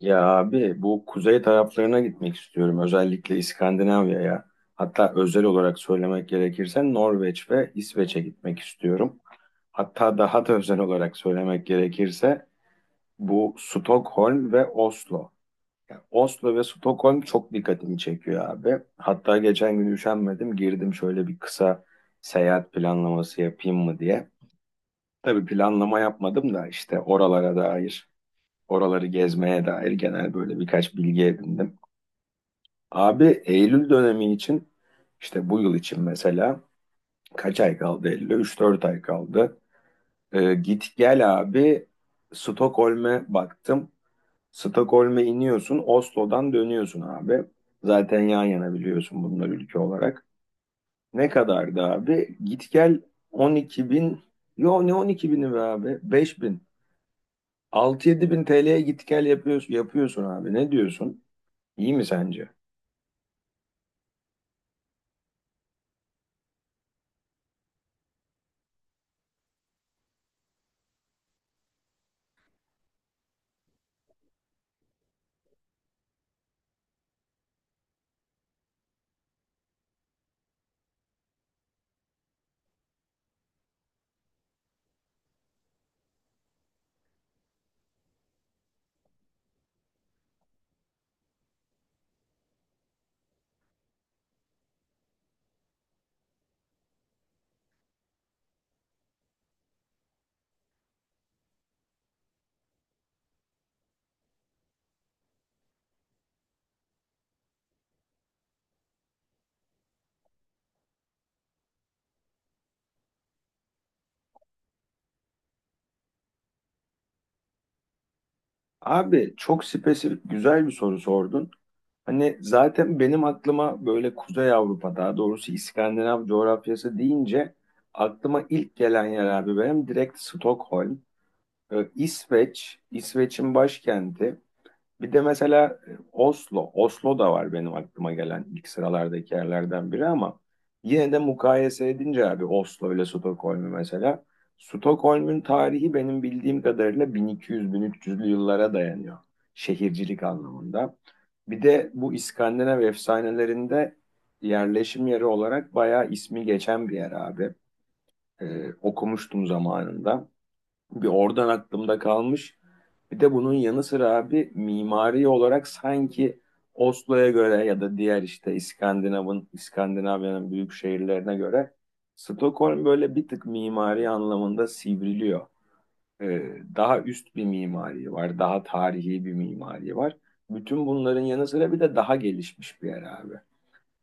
Ya abi bu kuzey taraflarına gitmek istiyorum. Özellikle İskandinavya'ya. Hatta özel olarak söylemek gerekirse Norveç ve İsveç'e gitmek istiyorum. Hatta daha da özel olarak söylemek gerekirse bu Stockholm ve Oslo. Yani Oslo ve Stockholm çok dikkatimi çekiyor abi. Hatta geçen gün üşenmedim girdim şöyle bir kısa seyahat planlaması yapayım mı diye. Tabii planlama yapmadım da işte oralara dair, oraları gezmeye dair genel böyle birkaç bilgi edindim. Abi Eylül dönemi için işte bu yıl için mesela kaç ay kaldı Eylül'e? Üç dört ay kaldı. Git gel abi, Stockholm'e baktım. Stockholm'e iniyorsun, Oslo'dan dönüyorsun abi. Zaten yan yana biliyorsun bunları ülke olarak. Ne kadardı abi? Git gel 12 bin. Yo, ne 12 bini be abi? 5 bin. 6-7 bin TL'ye git gel yapıyorsun, yapıyorsun abi. Ne diyorsun? İyi mi sence? Abi çok spesifik güzel bir soru sordun. Hani zaten benim aklıma böyle Kuzey Avrupa, daha doğrusu İskandinav coğrafyası deyince aklıma ilk gelen yer abi benim direkt Stockholm, İsveç, İsveç'in başkenti. Bir de mesela Oslo. Oslo da var benim aklıma gelen ilk sıralardaki yerlerden biri ama yine de mukayese edince abi Oslo ile Stockholm'u mesela. Stockholm'un tarihi benim bildiğim kadarıyla 1200-1300'lü yıllara dayanıyor şehircilik anlamında. Bir de bu İskandinav efsanelerinde yerleşim yeri olarak bayağı ismi geçen bir yer abi. Okumuştum zamanında. Bir oradan aklımda kalmış. Bir de bunun yanı sıra abi mimari olarak sanki Oslo'ya göre ya da diğer işte İskandinav'ın, İskandinavya'nın büyük şehirlerine göre Stockholm böyle bir tık mimari anlamında sivriliyor. Daha üst bir mimari var, daha tarihi bir mimari var. Bütün bunların yanı sıra bir de daha gelişmiş bir yer abi.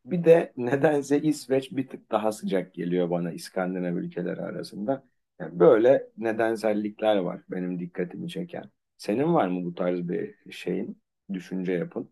Bir de nedense İsveç bir tık daha sıcak geliyor bana İskandinav ülkeleri arasında. Yani böyle nedensellikler var benim dikkatimi çeken. Senin var mı bu tarz bir şeyin, düşünce yapın?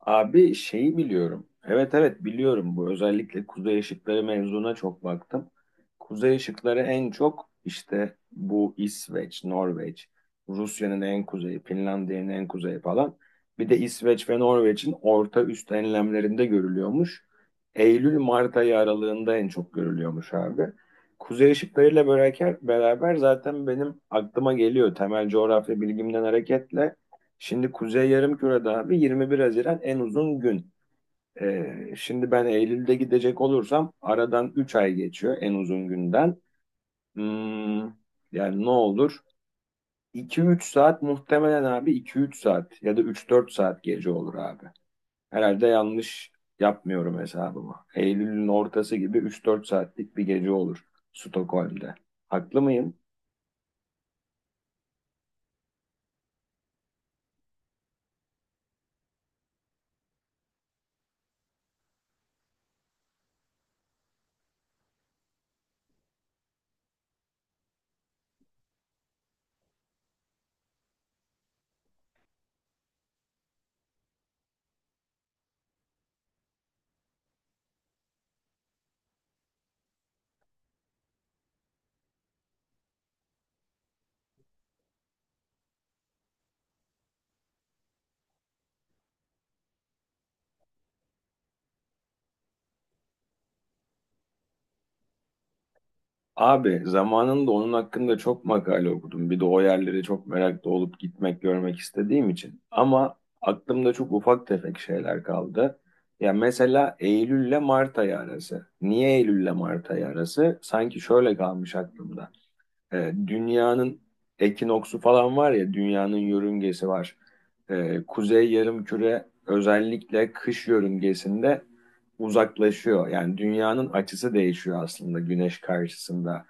Abi şeyi biliyorum. Evet evet, biliyorum bu. Özellikle kuzey ışıkları mevzuna çok baktım. Kuzey ışıkları en çok işte bu İsveç, Norveç, Rusya'nın en kuzeyi, Finlandiya'nın en kuzeyi falan. Bir de İsveç ve Norveç'in orta üst enlemlerinde görülüyormuş. Eylül-Mart ayı aralığında en çok görülüyormuş abi. Kuzey ışıklarıyla beraber zaten benim aklıma geliyor temel coğrafya bilgimden hareketle. Şimdi Kuzey Yarımküre'de abi 21 Haziran en uzun gün. Şimdi ben Eylül'de gidecek olursam aradan 3 ay geçiyor en uzun günden. Hmm, yani ne olur? iki üç saat muhtemelen abi, iki üç saat ya da üç dört saat gece olur abi. Herhalde yanlış yapmıyorum hesabımı. Eylül'ün ortası gibi üç dört saatlik bir gece olur Stockholm'de. Haklı mıyım? Abi zamanında onun hakkında çok makale okudum. Bir de o yerlere çok meraklı olup gitmek, görmek istediğim için. Ama aklımda çok ufak tefek şeyler kaldı. Ya mesela Eylül ile Mart ayı arası. Niye Eylül ile Mart ayı arası? Sanki şöyle kalmış aklımda. Dünyanın ekinoksu falan var ya, dünyanın yörüngesi var. Kuzey Yarımküre özellikle kış yörüngesinde uzaklaşıyor. Yani dünyanın açısı değişiyor aslında güneş karşısında,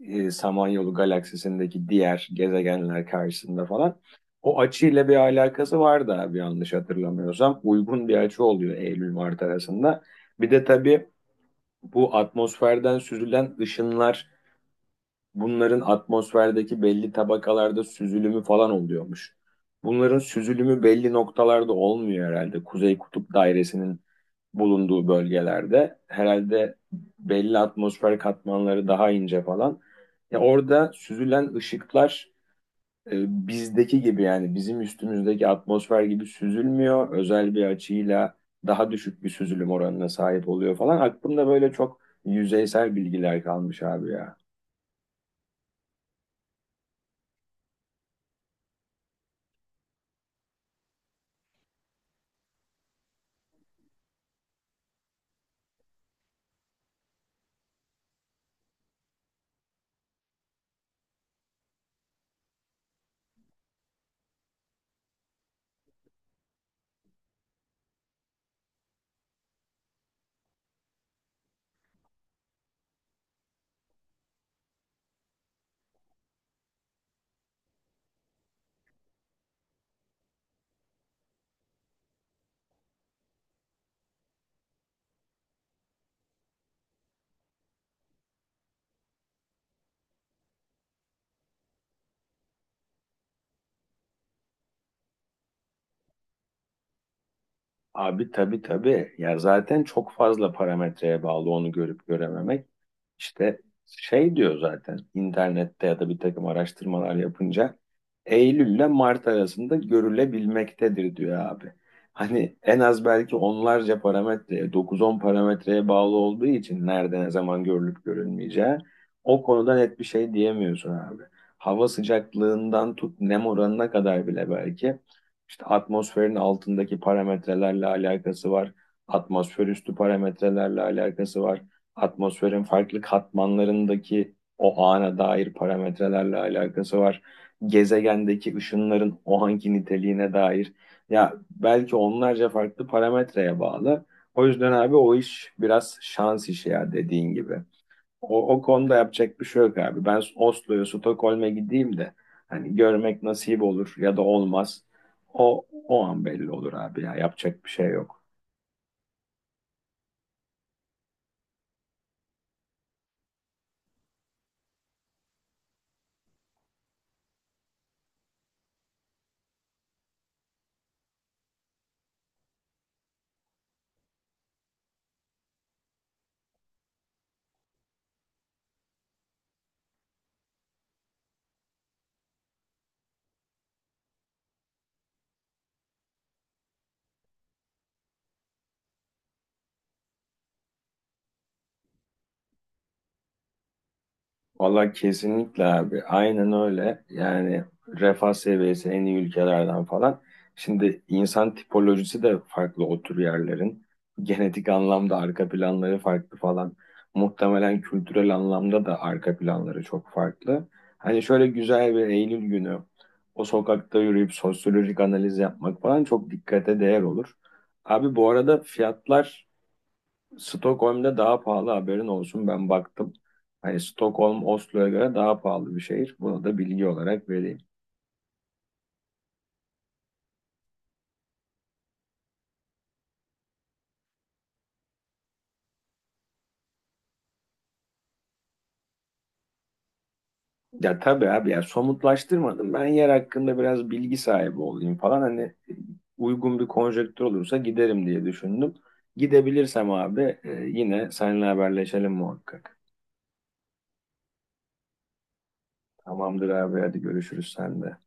Samanyolu galaksisindeki diğer gezegenler karşısında falan. O açıyla bir alakası var da, bir yanlış hatırlamıyorsam. Uygun bir açı oluyor Eylül-Mart arasında. Bir de tabii bu atmosferden süzülen ışınlar, bunların atmosferdeki belli tabakalarda süzülümü falan oluyormuş. Bunların süzülümü belli noktalarda olmuyor herhalde. Kuzey Kutup Dairesi'nin bulunduğu bölgelerde herhalde belli atmosfer katmanları daha ince falan. Ya orada süzülen ışıklar bizdeki gibi, yani bizim üstümüzdeki atmosfer gibi süzülmüyor. Özel bir açıyla daha düşük bir süzülüm oranına sahip oluyor falan. Aklımda böyle çok yüzeysel bilgiler kalmış abi ya. Abi tabii tabii. Ya zaten çok fazla parametreye bağlı onu görüp görememek. İşte şey diyor zaten internette ya da bir takım araştırmalar yapınca, Eylül ile Mart arasında görülebilmektedir diyor abi. Hani en az belki onlarca parametreye, dokuz on parametreye bağlı olduğu için nerede ne zaman görülüp görülmeyeceği o konuda net bir şey diyemiyorsun abi. Hava sıcaklığından tut nem oranına kadar bile belki işte atmosferin altındaki parametrelerle alakası var. Atmosfer üstü parametrelerle alakası var, atmosferin farklı katmanlarındaki o ana dair parametrelerle alakası var. Gezegendeki ışınların o anki niteliğine dair. Ya belki onlarca farklı parametreye bağlı. O yüzden abi o iş biraz şans işi ya, dediğin gibi. O konuda yapacak bir şey yok abi. Ben Oslo'ya, Stockholm'e gideyim de hani görmek nasip olur ya da olmaz. O an belli olur abi ya, yapacak bir şey yok. Valla kesinlikle abi. Aynen öyle. Yani refah seviyesi en iyi ülkelerden falan. Şimdi insan tipolojisi de farklı o tür yerlerin. Genetik anlamda arka planları farklı falan. Muhtemelen kültürel anlamda da arka planları çok farklı. Hani şöyle güzel bir Eylül günü o sokakta yürüyüp sosyolojik analiz yapmak falan çok dikkate değer olur. Abi bu arada fiyatlar Stockholm'da daha pahalı, haberin olsun, ben baktım. Hani Stockholm Oslo'ya göre daha pahalı bir şehir. Bunu da bilgi olarak vereyim. Ya tabii abi ya, somutlaştırmadım. Ben yer hakkında biraz bilgi sahibi olayım falan. Hani uygun bir konjektür olursa giderim diye düşündüm. Gidebilirsem abi yine seninle haberleşelim muhakkak. Tamamdır abi, hadi görüşürüz sen de.